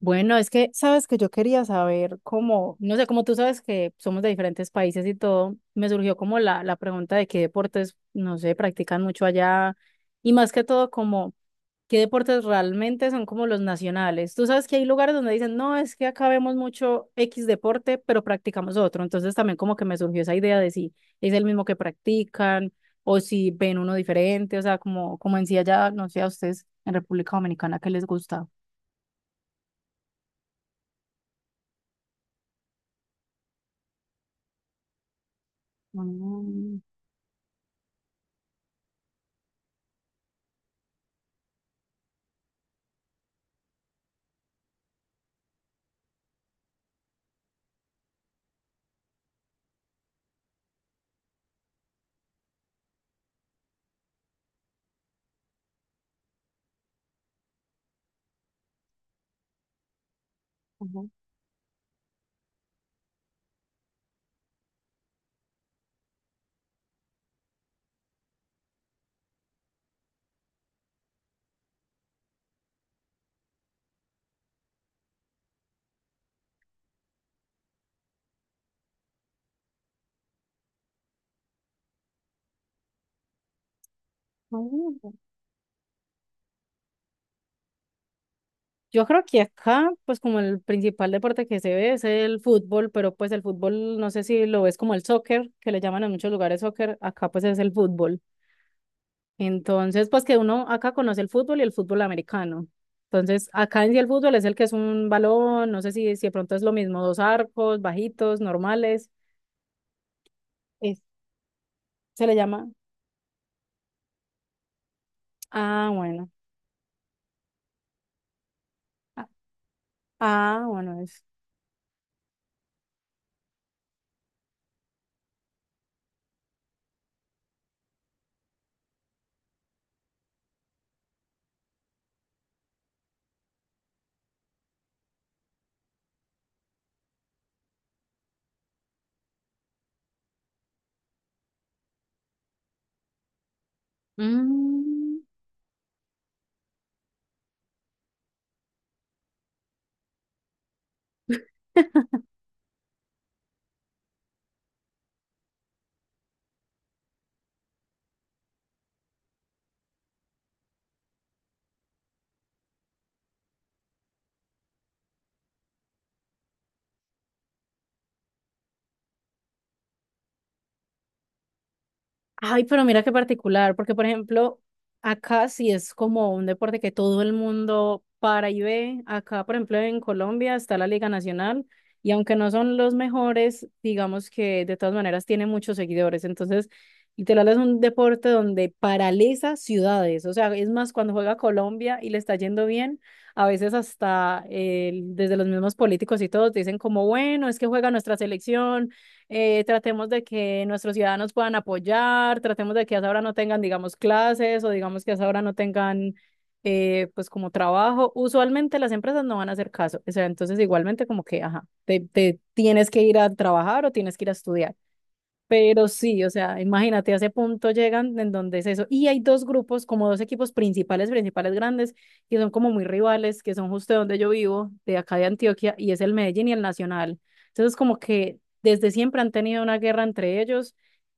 Bueno, es que sabes que yo quería saber cómo, no sé, como tú sabes que somos de diferentes países y todo, me surgió como la pregunta de qué deportes, no sé, practican mucho allá y más que todo como qué deportes realmente son como los nacionales. Tú sabes que hay lugares donde dicen, no, es que acá vemos mucho X deporte, pero practicamos otro. Entonces también como que me surgió esa idea de si es el mismo que practican o si ven uno diferente, o sea, como, como en sí allá, no sé, a ustedes en República Dominicana, ¿qué les gusta? Mm, ujú. Mm. Yo creo que acá, pues como el principal deporte que se ve es el fútbol, pero pues el fútbol, no sé si lo ves como el soccer, que le llaman en muchos lugares soccer, acá pues es el fútbol. Entonces, pues que uno acá conoce el fútbol y el fútbol americano. Entonces, acá en sí el fútbol es el que es un balón, no sé si, si de pronto es lo mismo, dos arcos, bajitos, normales, es- se le llama. Ah, bueno. Ah, ah, bueno, es. Ay, pero mira qué particular, porque por ejemplo, acá sí es como un deporte que todo el mundo para y ve. Acá, por ejemplo, en Colombia está la Liga Nacional y aunque no son los mejores, digamos que de todas maneras tiene muchos seguidores. Entonces, literal es un deporte donde paraliza ciudades. O sea, es más, cuando juega Colombia y le está yendo bien, a veces hasta desde los mismos políticos y todos dicen como, bueno, es que juega nuestra selección, tratemos de que nuestros ciudadanos puedan apoyar, tratemos de que a esa hora no tengan, digamos, clases o digamos que a esa hora no tengan, pues como trabajo. Usualmente las empresas no van a hacer caso, o sea, entonces igualmente como que, ajá, te tienes que ir a trabajar o tienes que ir a estudiar. Pero sí, o sea, imagínate, a ese punto llegan en donde es eso. Y hay dos grupos, como dos equipos principales, principales grandes, que son como muy rivales, que son justo de donde yo vivo, de acá de Antioquia, y es el Medellín y el Nacional. Entonces, como que desde siempre han tenido una guerra entre ellos,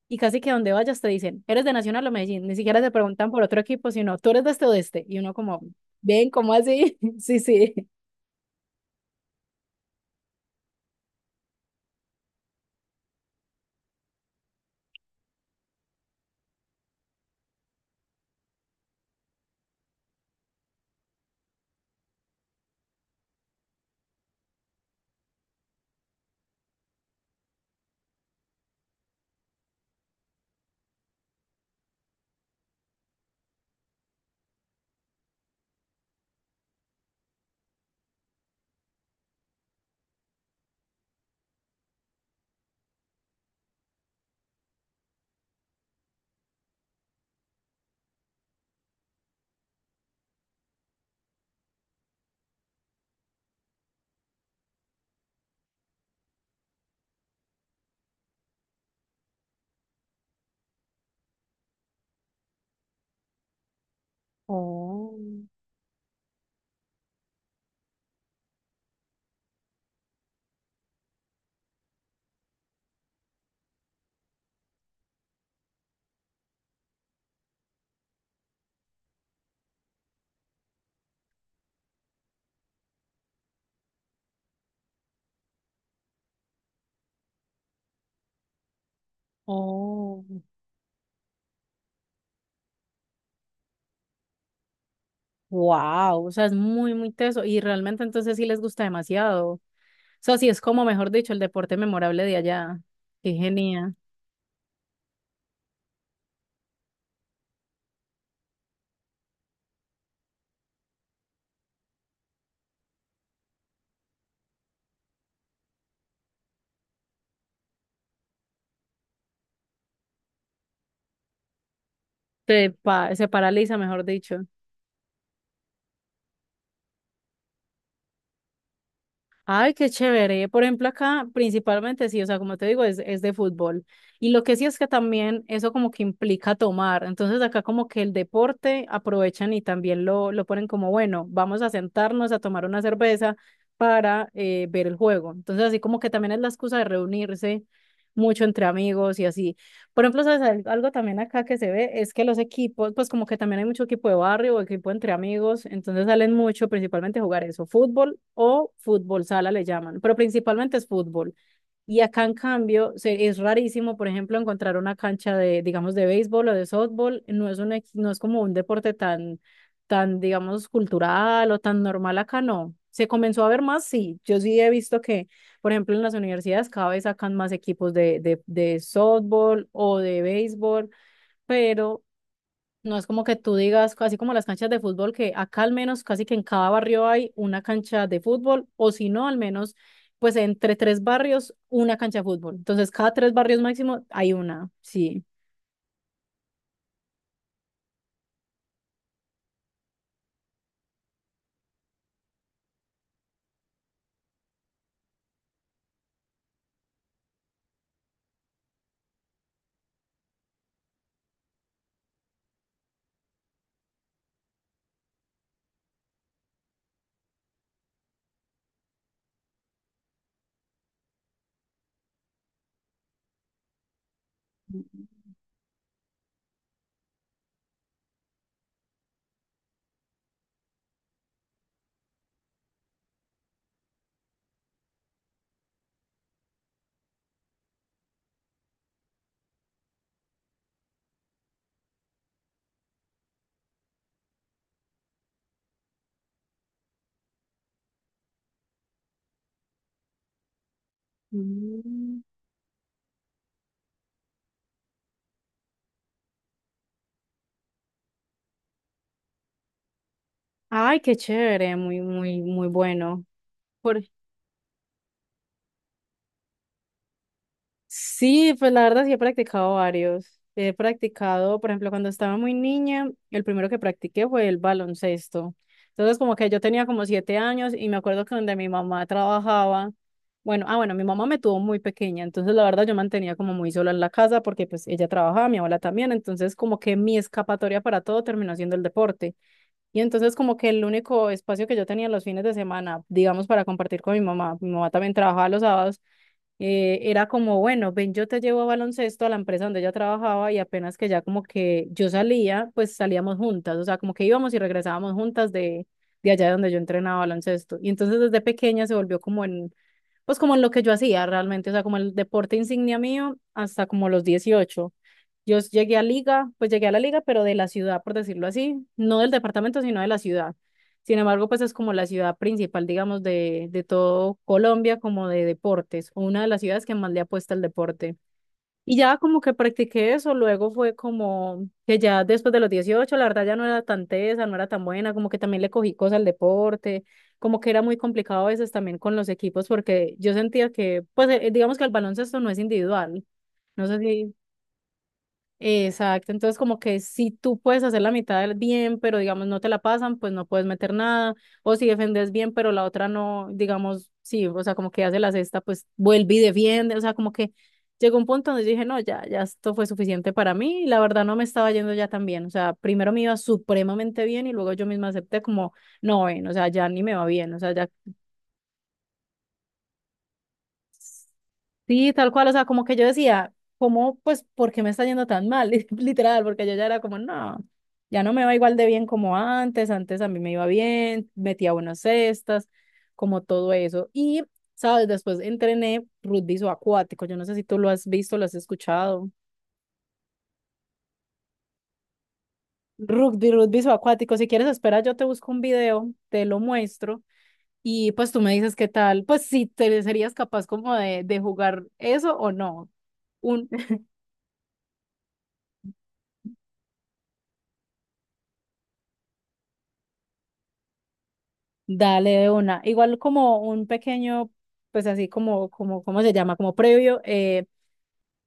y casi que donde vayas te dicen, ¿eres de Nacional o Medellín? Ni siquiera te preguntan por otro equipo, sino, ¿tú eres de este o de este? Y uno como, ¿ven? ¿Cómo así? Sí, sí. Oh, oh. Wow, o sea, es muy, muy teso y realmente entonces sí les gusta demasiado. O sea, sí es como, mejor dicho, el deporte memorable de allá. Qué genial. Se, se paraliza, mejor dicho. Ay, qué chévere. Por ejemplo, acá principalmente sí, o sea, como te digo, es de fútbol. Y lo que sí es que también eso como que implica tomar. Entonces acá como que el deporte aprovechan y también lo ponen como, bueno, vamos a sentarnos a tomar una cerveza para ver el juego. Entonces así como que también es la excusa de reunirse mucho entre amigos y así. Por ejemplo, ¿sabes? Algo también acá que se ve es que los equipos, pues como que también hay mucho equipo de barrio o equipo entre amigos, entonces salen mucho principalmente a jugar eso, fútbol o fútbol sala le llaman, pero principalmente es fútbol. Y acá, en cambio, se, es rarísimo, por ejemplo, encontrar una cancha de, digamos, de béisbol o de softball. No es un, no es como un deporte tan, tan, digamos, cultural o tan normal acá, no. Se comenzó a ver más, sí. Yo sí he visto que, por ejemplo, en las universidades cada vez sacan más equipos de, de softball o de béisbol, pero no es como que tú digas, así como las canchas de fútbol, que acá al menos casi que en cada barrio hay una cancha de fútbol, o si no, al menos, pues entre tres barrios, una cancha de fútbol. Entonces, cada tres barrios máximo hay una, sí. Mm. Ay, qué chévere, muy, muy, muy bueno. Por, Sí, pues la verdad sí he practicado varios. He practicado, por ejemplo, cuando estaba muy niña, el primero que practiqué fue el baloncesto. Entonces, como que yo tenía como 7 años y me acuerdo que donde mi mamá trabajaba, bueno, mi mamá me tuvo muy pequeña, entonces la verdad yo mantenía como muy sola en la casa porque pues ella trabajaba, mi abuela también, entonces como que mi escapatoria para todo terminó siendo el deporte. Y entonces como que el único espacio que yo tenía los fines de semana, digamos, para compartir con mi mamá también trabajaba los sábados, era como, bueno, ven, yo te llevo a baloncesto a la empresa donde ella trabajaba y apenas que ya como que yo salía, pues salíamos juntas, o sea, como que íbamos y regresábamos juntas de allá donde yo entrenaba baloncesto. Y entonces desde pequeña se volvió como en pues como en lo que yo hacía realmente, o sea, como el deporte insignia mío hasta como los 18. Yo llegué a liga, pues llegué a la liga, pero de la ciudad, por decirlo así, no del departamento, sino de la ciudad. Sin embargo, pues es como la ciudad principal, digamos, de todo Colombia, como de deportes, o una de las ciudades que más le apuesta al deporte. Y ya como que practiqué eso, luego fue como que ya después de los 18 la verdad ya no era tan tesa, no era tan buena, como que también le cogí cosas al deporte, como que era muy complicado a veces también con los equipos, porque yo sentía que, pues digamos que el baloncesto no es individual, no sé si Exacto, entonces como que si tú puedes hacer la mitad del bien, pero digamos no te la pasan, pues no puedes meter nada, o si defendes bien, pero la otra no, digamos, sí, o sea, como que hace la cesta, pues vuelve y defiende, o sea, como que llegó un punto donde dije, no, ya, ya esto fue suficiente para mí, y la verdad no me estaba yendo ya tan bien, o sea, primero me iba supremamente bien y luego yo misma acepté como, no, ven, o sea, ya ni me va bien, o sea, ya Sí, tal cual, o sea, como que yo decía, ¿cómo, pues, por qué me está yendo tan mal? Literal, porque yo ya era como, no, ya no me va igual de bien como antes, antes a mí me iba bien, metía buenas cestas, como todo eso. Y, ¿sabes? Después entrené rugby acuático, yo no sé si tú lo has visto, lo has escuchado. Rugby, rugby acuático, si quieres, espera, yo te busco un video, te lo muestro y pues tú me dices qué tal, pues si te serías capaz como de jugar eso o no. Un Dale de una. Igual como un pequeño, pues así como, como, ¿cómo se llama? Como previo,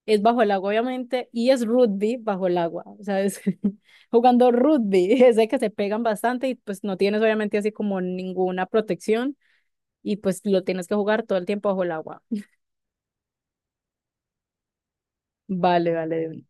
es bajo el agua, obviamente, y es rugby bajo el agua. O sea, jugando rugby, es de que se pegan bastante y pues no tienes obviamente así como ninguna protección y pues lo tienes que jugar todo el tiempo bajo el agua. Vale, vale, de una.